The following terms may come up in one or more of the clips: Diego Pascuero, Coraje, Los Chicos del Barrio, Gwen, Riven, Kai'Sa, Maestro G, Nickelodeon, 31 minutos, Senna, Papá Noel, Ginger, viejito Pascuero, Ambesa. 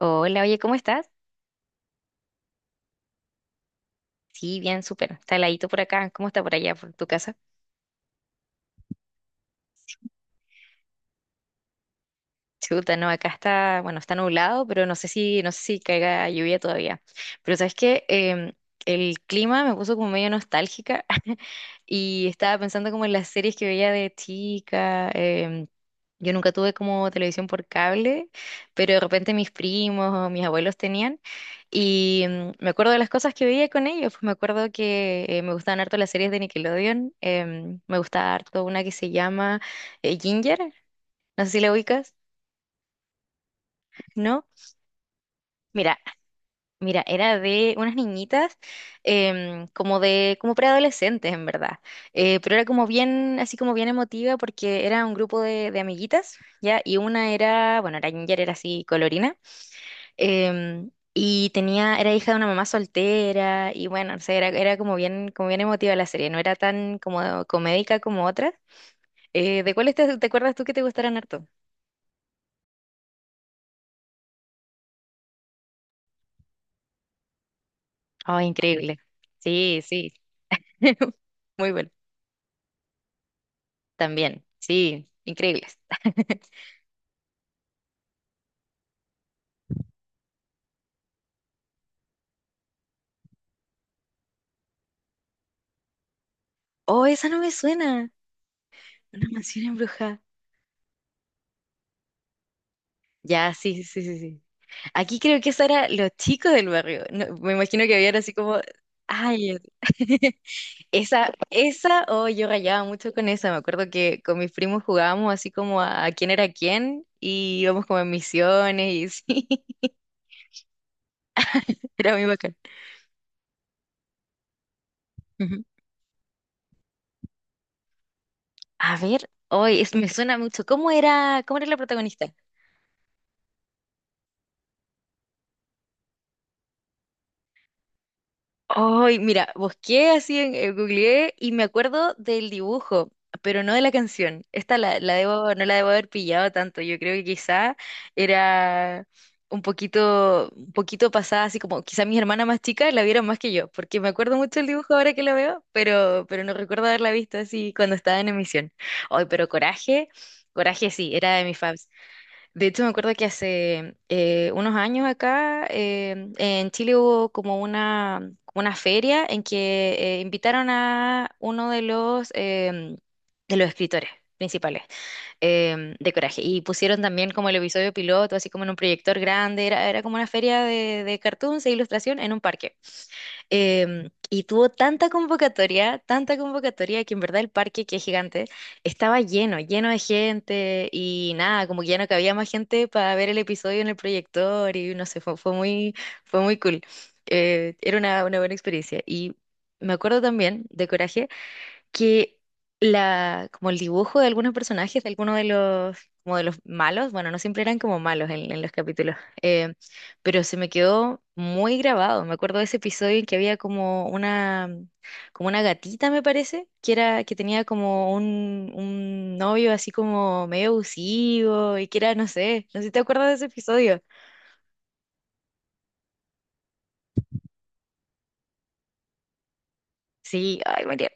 Hola, oye, ¿cómo estás? Sí, bien, súper. Está heladito por acá. ¿Cómo está por allá, por tu casa? Chuta, no, acá está, bueno, está nublado, pero no sé si caiga lluvia todavía. Pero sabes que el clima me puso como medio nostálgica y estaba pensando como en las series que veía de chica. Yo nunca tuve como televisión por cable, pero de repente mis primos o mis abuelos tenían y me acuerdo de las cosas que veía con ellos. Pues me acuerdo que me gustaban harto las series de Nickelodeon. Me gustaba harto una que se llama Ginger, no sé si la ubicas. ¿No? Mira, mira, era de unas niñitas como como preadolescentes en verdad. Pero era como bien, así como bien emotiva porque era un grupo de amiguitas, ¿ya? Y una era, bueno, era ginger, era así colorina. Y tenía, era hija de una mamá soltera, y bueno, o sea, era como bien emotiva la serie, no era tan como comédica como otras. ¿De cuáles te acuerdas tú que te gustaran harto? Oh, increíble. Sí, sí. Muy buena. También, sí, increíbles. Oh, esa no me suena. Una mansión embrujada. Ya, sí, sí, sí, sí. Sí. Aquí creo que esa era Los Chicos del Barrio. No, me imagino que habían así como... Ay, oh, yo rayaba mucho con esa. Me acuerdo que con mis primos jugábamos así como a quién era quién y íbamos como en misiones y sí, era muy bacán. Ujú. A ver, hoy es me suena mucho. ¿Cómo era la protagonista? Ay, mira, busqué así en googleé y me acuerdo del dibujo, pero no de la canción. Esta la no la debo haber pillado tanto. Yo creo que quizá era un poquito pasada, así como quizá mis hermanas más chicas la vieron más que yo, porque me acuerdo mucho del dibujo ahora que lo veo, pero no recuerdo haberla visto así cuando estaba en emisión. Ay, pero Coraje, Coraje sí, era de mis faves. De hecho, me acuerdo que hace unos años acá en Chile hubo como una feria en que invitaron a uno de los escritores principales de Coraje y pusieron también como el episodio piloto, así como en un proyector grande, era como una feria de cartoons e ilustración en un parque. Y tuvo tanta convocatoria que en verdad el parque, que es gigante, estaba lleno, lleno de gente y nada, como que ya no cabía más gente para ver el episodio en el proyector y no sé, fue muy cool. Era una buena experiencia. Y me acuerdo también de Coraje que como el dibujo de algunos personajes, de algunos de los, como de los malos, bueno, no siempre eran como malos en los capítulos, eh, pero se me quedó muy grabado. Me acuerdo de ese episodio en que había como una gatita, me parece, que era, que tenía como un novio así como medio abusivo y que era, no sé si te acuerdas de ese episodio. Sí, ay, María.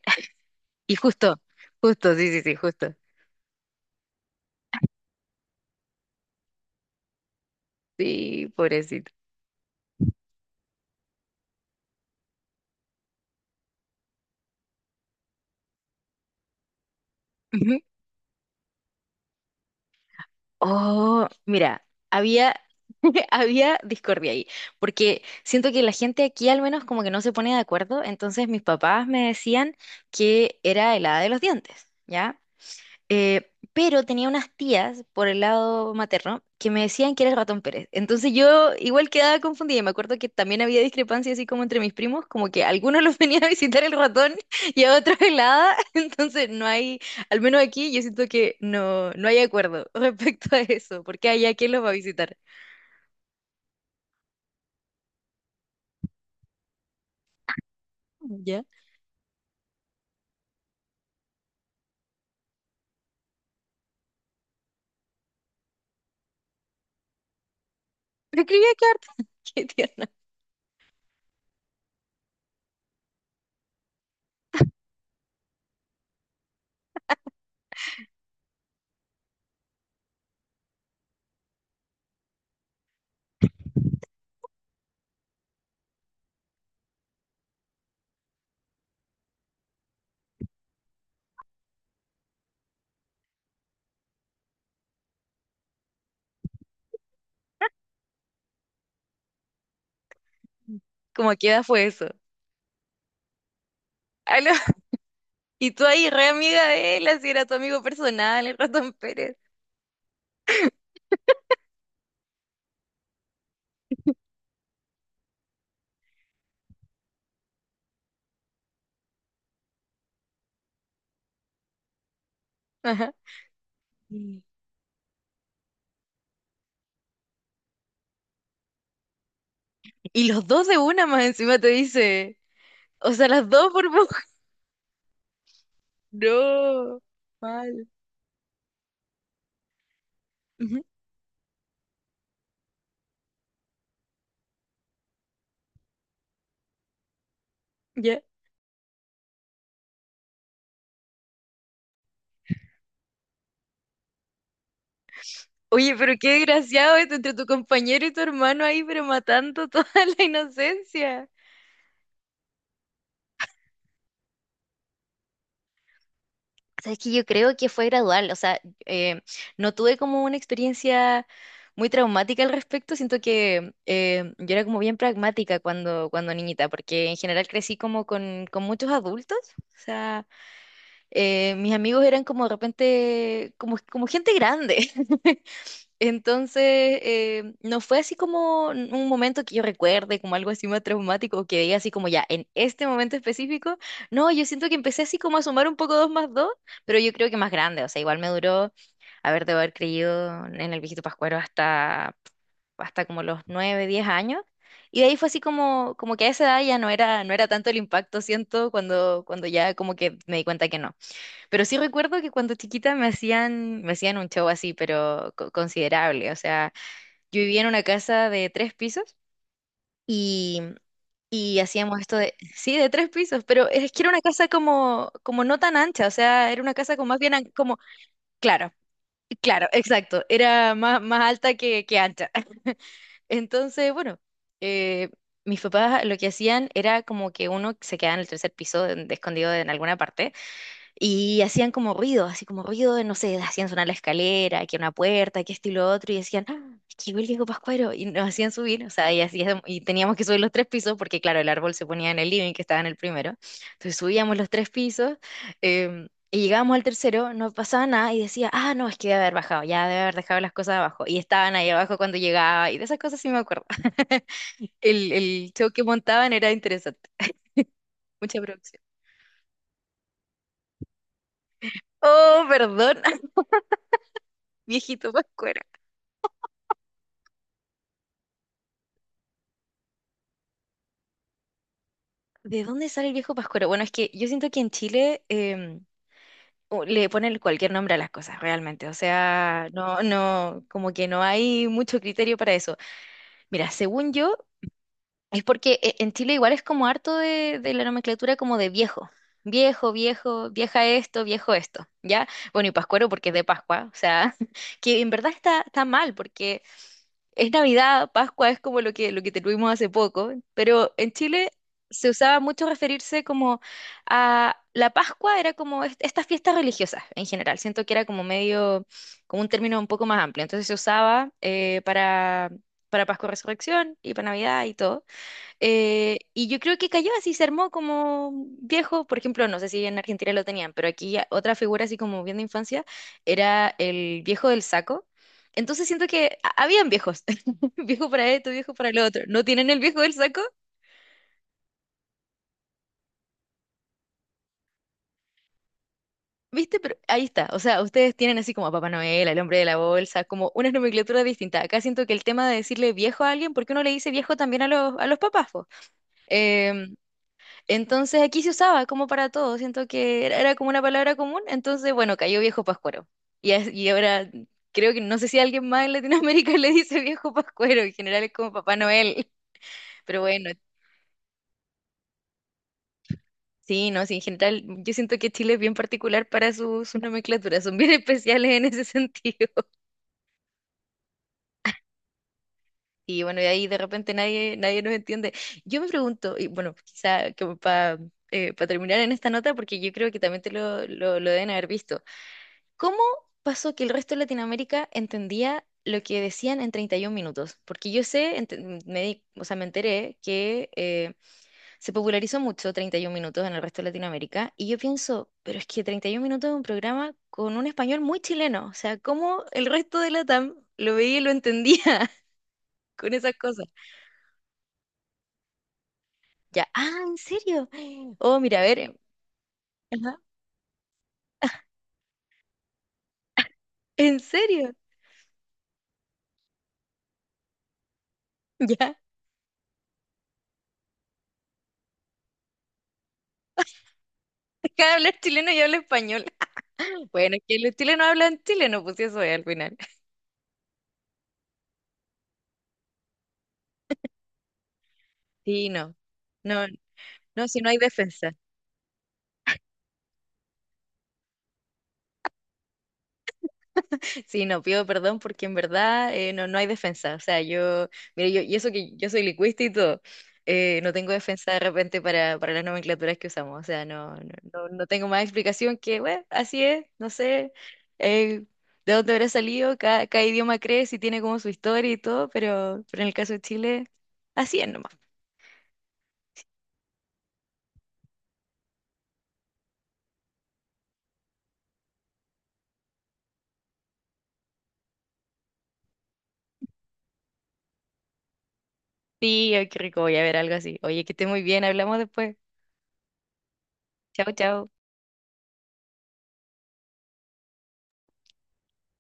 Y justo, justo, sí, sí, sí, justo. Sí, pobrecito. Oh, mira, había, había discordia ahí, porque siento que la gente aquí al menos como que no se pone de acuerdo, entonces mis papás me decían que era helada de los dientes, ¿ya? Pero tenía unas tías por el lado materno que me decían que era el ratón Pérez. Entonces yo igual quedaba confundida. Y me acuerdo que también había discrepancia así como entre mis primos, como que a algunos los venía a visitar el ratón y a otros el hada. Entonces no hay, al menos aquí yo siento que no hay acuerdo respecto a eso, porque allá quién los va a visitar. ¿Ya? Pero escribía cartas, qué tierna. ¿Cómo a qué edad fue eso? Aló. Y tú ahí re amiga de él, así era tu amigo personal, el ratón Pérez. Ajá. Y los dos de una más encima te dice. O sea, las dos por poco. No, mal. Ujú. Ya. Oye, pero qué desgraciado esto entre tu compañero y tu hermano ahí, pero matando toda la inocencia. Sabes que yo creo que fue gradual, o sea, eh, no tuve como una experiencia muy traumática al respecto, siento que yo era como bien pragmática cuando, cuando niñita, porque en general crecí como con muchos adultos, o sea, mis amigos eran como de repente, como gente grande. Entonces, no fue así como un momento que yo recuerde, como algo así más traumático, o que diga así como ya, en este momento específico, no, yo siento que empecé así como a sumar un poco dos más dos, pero yo creo que más grande, o sea, igual me duró, a ver, debo haber creído en el viejito Pascuero hasta como los 9, 10 años. Y de ahí fue así como que a esa edad ya no era tanto el impacto, siento, cuando ya como que me di cuenta que no. Pero sí recuerdo que cuando chiquita me hacían un show así, pero considerable. O sea, yo vivía en una casa de tres pisos y, y hacíamos esto de, sí, de tres pisos, pero es que era una casa como no tan ancha, o sea, era una casa como más bien como, claro, claro, exacto, era más alta que ancha. Entonces, bueno, eh, mis papás lo que hacían era como que uno se quedaba en el tercer piso, escondido en alguna parte. Y hacían como ruido, así como ruido de, no sé, hacían sonar la escalera, que una puerta, que esto y lo otro, y decían, ¡Ah, es que llegó el Diego Pascuero!, y nos hacían subir, o sea, y teníamos que subir los tres pisos, porque claro, el árbol se ponía en el living, que estaba en el primero, entonces subíamos los tres pisos, y llegábamos al tercero, no pasaba nada, y decía, ah, no, es que debe haber bajado, ya debe haber dejado las cosas abajo, y estaban ahí abajo cuando llegaba, y de esas cosas sí me acuerdo. El show que montaban era interesante, mucha producción. Oh, perdón, viejito Pascuero. ¿De dónde sale el viejo Pascuero? Bueno, es que yo siento que en Chile le ponen cualquier nombre a las cosas, realmente. O sea, no, no, como que no hay mucho criterio para eso. Mira, según yo, es porque en Chile igual es como harto de la nomenclatura como de viejo. Viejo, viejo, vieja esto, viejo esto, ¿ya? Bueno, y Pascuero porque es de Pascua, o sea, que en verdad está mal porque es Navidad, Pascua es como lo que tuvimos hace poco, pero en Chile se usaba mucho referirse como a la Pascua, era como estas fiestas religiosas en general, siento que era como medio, como un término un poco más amplio, entonces se usaba para Pascua Resurrección y para Navidad y todo. Y yo creo que cayó así, se armó como viejo. Por ejemplo, no sé si en Argentina lo tenían, pero aquí ya otra figura así como bien de infancia era el viejo del saco. Entonces siento que habían viejos, viejo para esto, viejo para lo otro. ¿No tienen el viejo del saco? ¿Viste? Pero ahí está. O sea, ustedes tienen así como a Papá Noel, al hombre de la bolsa, como una nomenclatura distinta. Acá siento que el tema de decirle viejo a alguien, porque uno le dice viejo también a los papás, po? Em, Entonces aquí se usaba como para todo, siento que era como una palabra común, entonces bueno, cayó viejo pascuero. Y ahora creo que no sé si alguien más en Latinoamérica le dice viejo pascuero, en general es como Papá Noel, pero bueno, sí, no, sí, en general yo siento que Chile es bien particular para sus nomenclaturas, son bien especiales en ese sentido. Y bueno, y ahí de repente nadie nos entiende. Yo me pregunto, y bueno, quizá como para terminar en esta nota, porque yo creo que también te lo deben haber visto. ¿Cómo pasó que el resto de Latinoamérica entendía lo que decían en 31 minutos? Porque yo sé, o sea, me enteré que se popularizó mucho 31 minutos en el resto de Latinoamérica y yo pienso, pero es que 31 minutos es un programa con un español muy chileno, o sea, ¿cómo el resto de Latam lo veía y lo entendía con esas cosas? Ya, ah, ¿en serio? Oh, mira, a ver, ajá, ¿en serio? Ya, deja de hablar chileno y habla español. Bueno, es que los chilenos hablan chileno, pues sí, eso es al final. Sí, no. No, no, si no hay defensa. Sí, no, pido perdón porque en verdad no, no hay defensa. O sea, yo, mire, yo, y eso que yo soy lingüista y todo, no tengo defensa de repente para las nomenclaturas que usamos. O sea, no, no, no, no tengo más explicación que, bueno, así es, no sé eh, de dónde habrá salido, cada idioma crece y tiene como su historia y todo, pero en el caso de Chile, así es nomás. Sí, ay, qué rico, voy a ver algo así. Oye, que esté muy bien, hablamos después. Chao, chao.